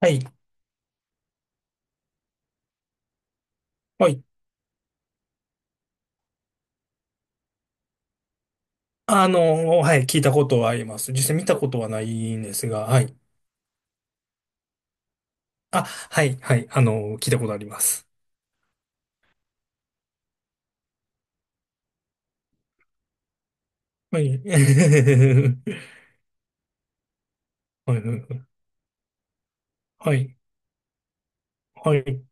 はい。はい。はい。聞いたことはあります。実際見たことはないんですが、はい。あ、はい。はい。聞いたことあります。はい。はい。はい。はい。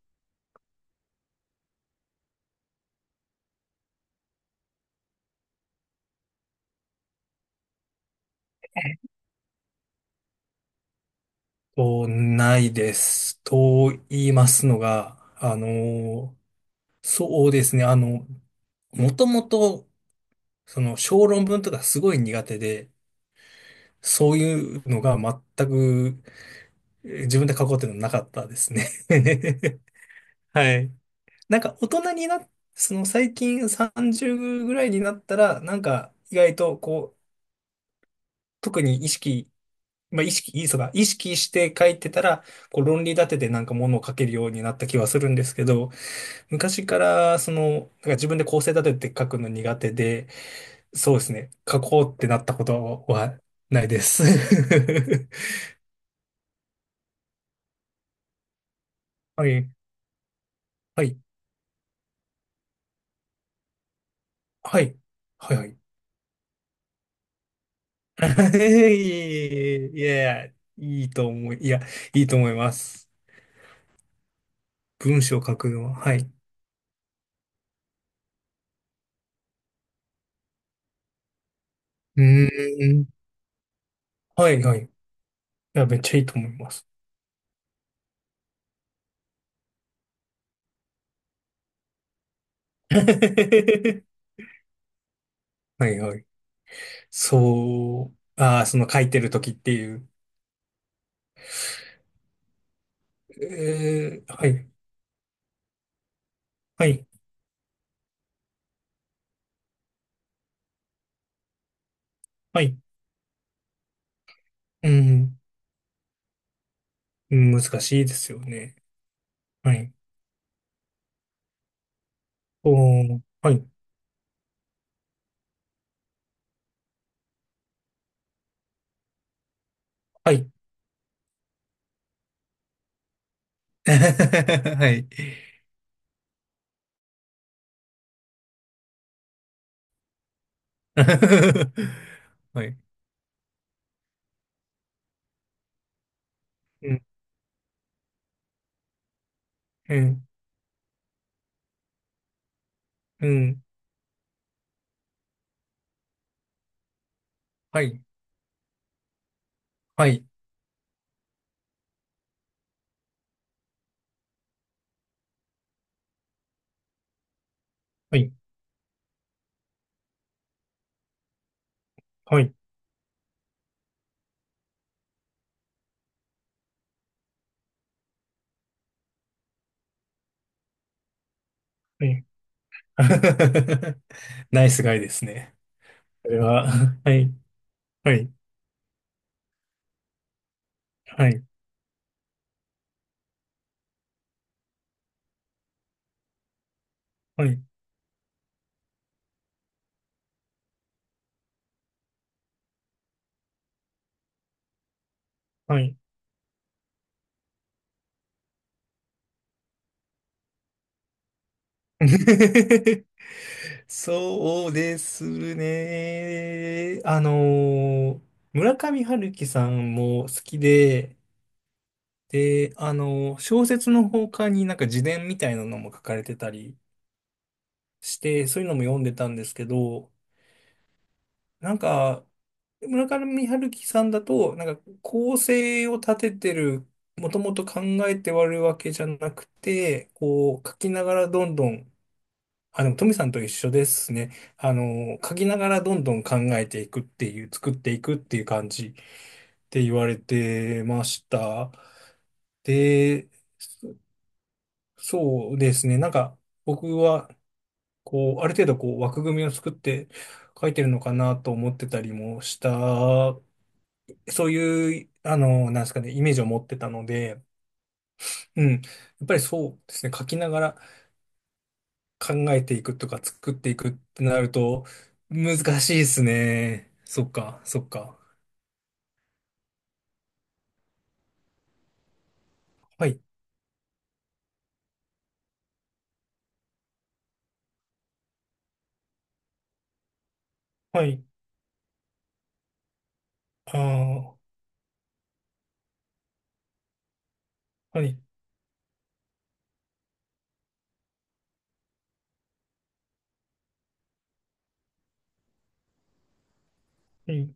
ないです。と言いますのが、そうですね。もともと、小論文とかすごい苦手で、そういうのが全く自分で書こうっていうのはなかったですね。はい。なんか大人にな、その最近三十ぐらいになったらなんか意外とこう特に意識、まあ意識いいそば意識して描いてたらこう論理立ててなんかものを描けるようになった気はするんですけど、昔からその自分で構成立てて描くの苦手で、そうですね、描こうってなったことはないです。はい、はい、はい、はい。いやいや、いいと思いいやいいと思います。文章を書くのは、はい。うーん。はい、はい。いや、めっちゃいいと思います。はい、はい。そう、ああ、その書いてるときっていう。はい、はい、はい。うん、うん、難しいですよね。はい。おー、はい、はい。はい。はい。うん、うん、うん。はい、はい、はい、はい、はい。ナイスガイですね。これは、はい、はい。はい、はい、はい。そうですね。村上春樹さんも好きで、で、小説の他になんか自伝みたいなのも書かれてたりして、そういうのも読んでたんですけど、なんか、村上春樹さんだと、なんか構成を立ててる、もともと考えて割るわけじゃなくて、こう書きながらどんどん、あ、でも、トミさんと一緒ですね。書きながらどんどん考えていくっていう、作っていくっていう感じって言われてました。で、そうですね。なんか、僕は、こう、ある程度、こう、枠組みを作って書いてるのかなと思ってたりもした、そういう、なんですかね、イメージを持ってたので、うん。やっぱりそうですね、書きながら、考えていくとか作っていくってなると難しいですね。そっか、そっか。はい、はい、ああ、はい、はい、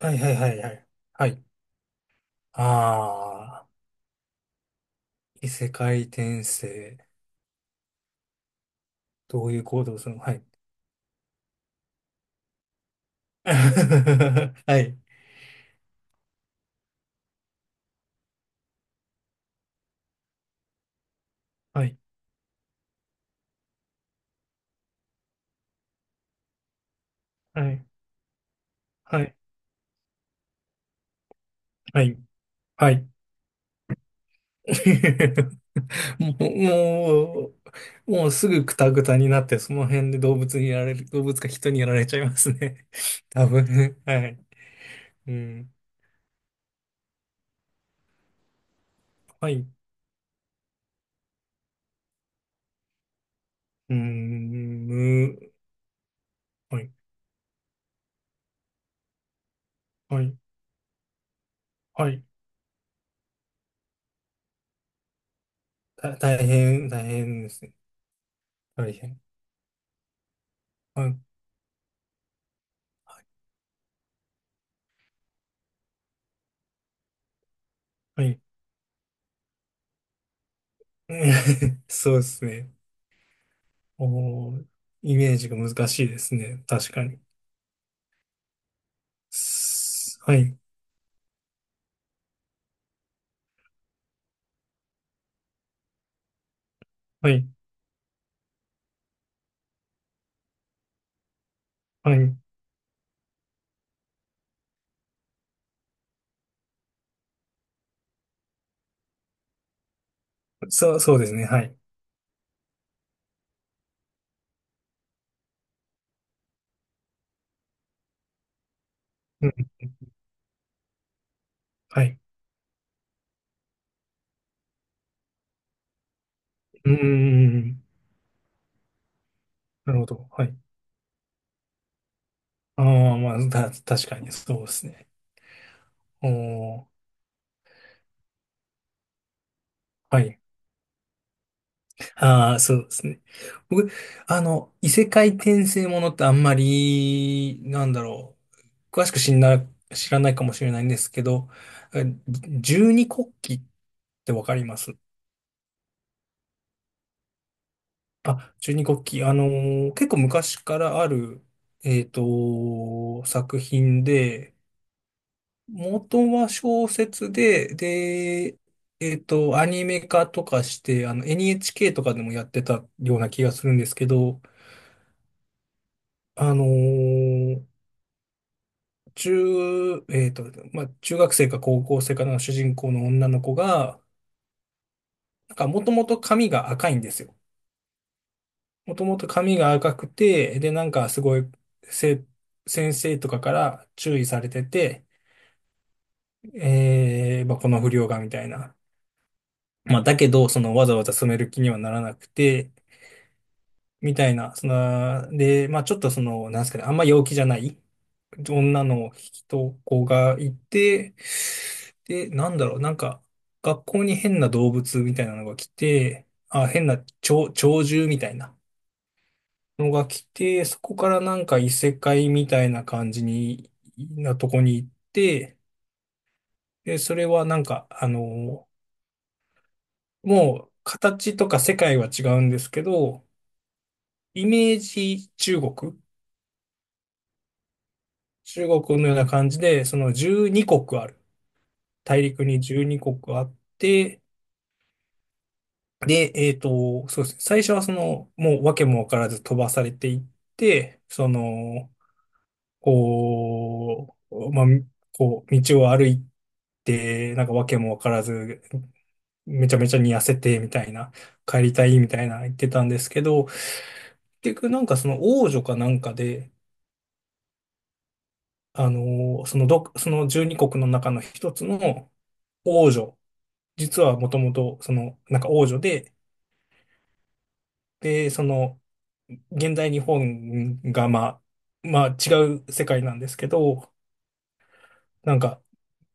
はい、はい、はい、はい。はい。ああ、異世界転生。どういう行動をするの、はい。はい、はい、はい、はい、はい、はい。もう、ももうすぐクタクタになって、その辺で動物にやられる、動物か人にやられちゃいますね。多分。はい。うん、はい、うん、む、はい、はい、はい。大変、大変ですね。大変。はい、はい。そうですね。おー、イメージが難しいですね。確かに。はい、はい、はい。そう、そうですね。はい。うん、はい。うん、うん、うん、うん、なるほど。はい。ああ、まあ、確かにそうですね。おー、はい。ああ、そうですね。僕、異世界転生ものってあんまり、なんだろう、詳しく知んな、知らないかもしれないんですけど、え十二国旗ってわかります？あ、十二国旗、結構昔からある、作品で、元は小説で、アニメ化とかして、NHK とかでもやってたような気がするんですけど、あのー中、えっと、まあ、中学生か高校生かの主人公の女の子が、なんかもともと髪が赤いんですよ。もともと髪が赤くて、で、なんかすごい、せ、先生とかから注意されてて、まあ、この不良がみたいな。まあ、だけど、わざわざ染める気にはならなくて、みたいな、で、まあちょっとなんですかね、あんま陽気じゃない女の人子がいて、で、なんだろう、なんか、学校に変な動物みたいなのが来て、あ、変な鳥獣みたいなのが来て、そこからなんか異世界みたいな感じに、なとこに行って、で、それはなんか、もう形とか世界は違うんですけど、イメージ中国のような感じで、その12国ある。大陸に12国あって、で、そうですね。最初はその、もう訳も分からず飛ばされていって、その、こう、まあ、こう、道を歩いて、なんか訳も分からず、めちゃめちゃに痩せて、みたいな、帰りたい、みたいな言ってたんですけど、結局なんかその王女かなんかで、あの、そのど、その12国の中の一つの王女、実はもともと、その、なんか王女で、で、その、現代日本が、まあ、まあ違う世界なんですけど、なんか、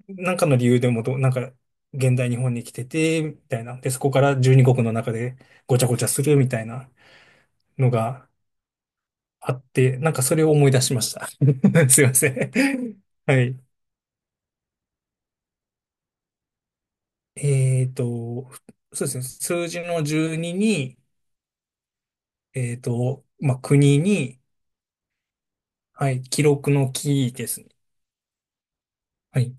なんかの理由でもど、なんか、現代日本に来てて、みたいな。で、そこから12国の中でごちゃごちゃするみたいなのがあって、なんかそれを思い出しました。すいません。はい。えっと、そうですね。数字の12に、まあ、国に、はい、記録の記ですね。はい。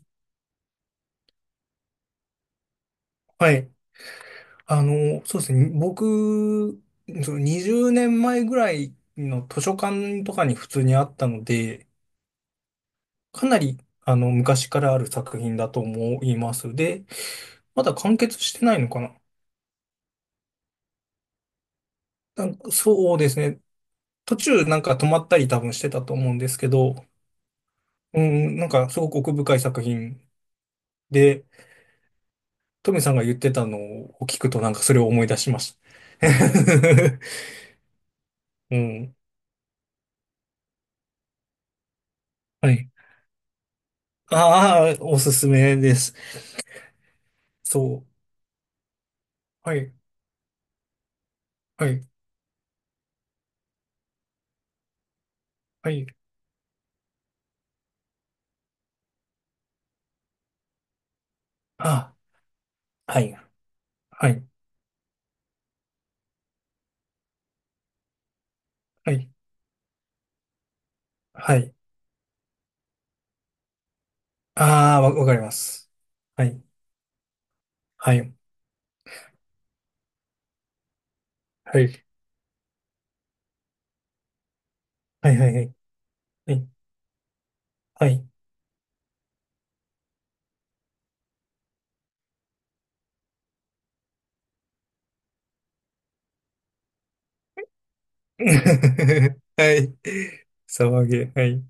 はい。そうですね。僕、20年前ぐらいの図書館とかに普通にあったので、かなり、昔からある作品だと思います。で、まだ完結してないのかな。なんかそうですね。途中なんか止まったり多分してたと思うんですけど、うん、なんかすごく奥深い作品で、トミさんが言ってたのを聞くとなんかそれを思い出しました。うん。はい。ああ、おすすめです。そう。はい、はい、はい。あ、はい、はい、はい、はい。ああ、わかります。はい、はい、はい、はい、はい、はい、はい。はい。はい、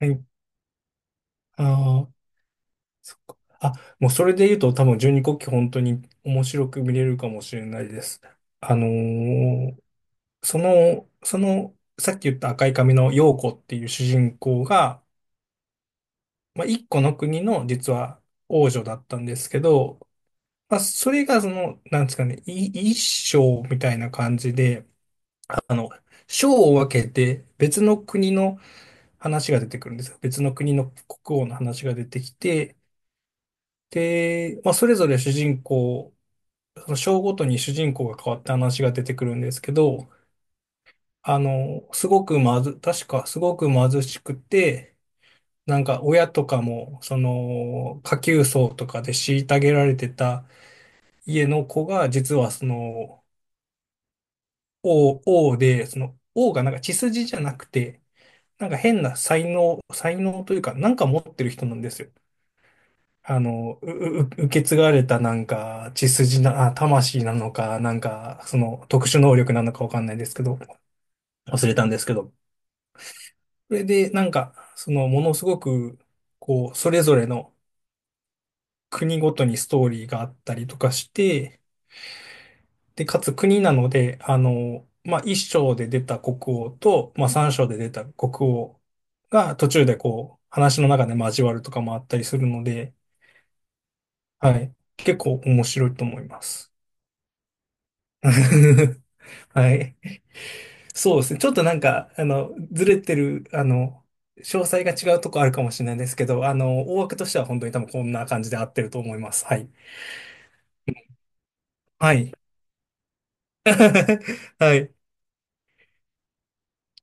はい。ああ、そっか。あ、もうそれで言うと多分十二国旗本当に面白く見れるかもしれないです。あのーその、さっき言った赤い髪の陽子っていう主人公が、まあ、一個の国の実は王女だったんですけど、まあ、それがその、なんですかね、一章みたいな感じで、あの、章を分けて別の国の話が出てくるんですよ。別の国の国王の話が出てきて、で、まあ、それぞれ主人公、その章ごとに主人公が変わった話が出てくるんですけど、すごくまず、確かすごく貧しくて、なんか親とかも、その、下級層とかで虐げられてた家の子が、実はその、王、王で、その、王がなんか血筋じゃなくて、なんか変な才能というか、なんか持ってる人なんですよ。う、う、う受け継がれたなんか、血筋な、あ、魂なのか、なんか、その、特殊能力なのかわかんないですけど、忘れたんですけど。それで、なんか、その、ものすごく、こう、それぞれの、国ごとにストーリーがあったりとかして、で、かつ国なので、まあ、一章で出た国王と、まあ、三章で出た国王が途中でこう、話の中で交わるとかもあったりするので、はい。結構面白いと思います。はい。そうですね。ちょっとなんか、ずれてる、詳細が違うとこあるかもしれないですけど、大枠としては本当に多分こんな感じで合ってると思います。はい。はい。はい。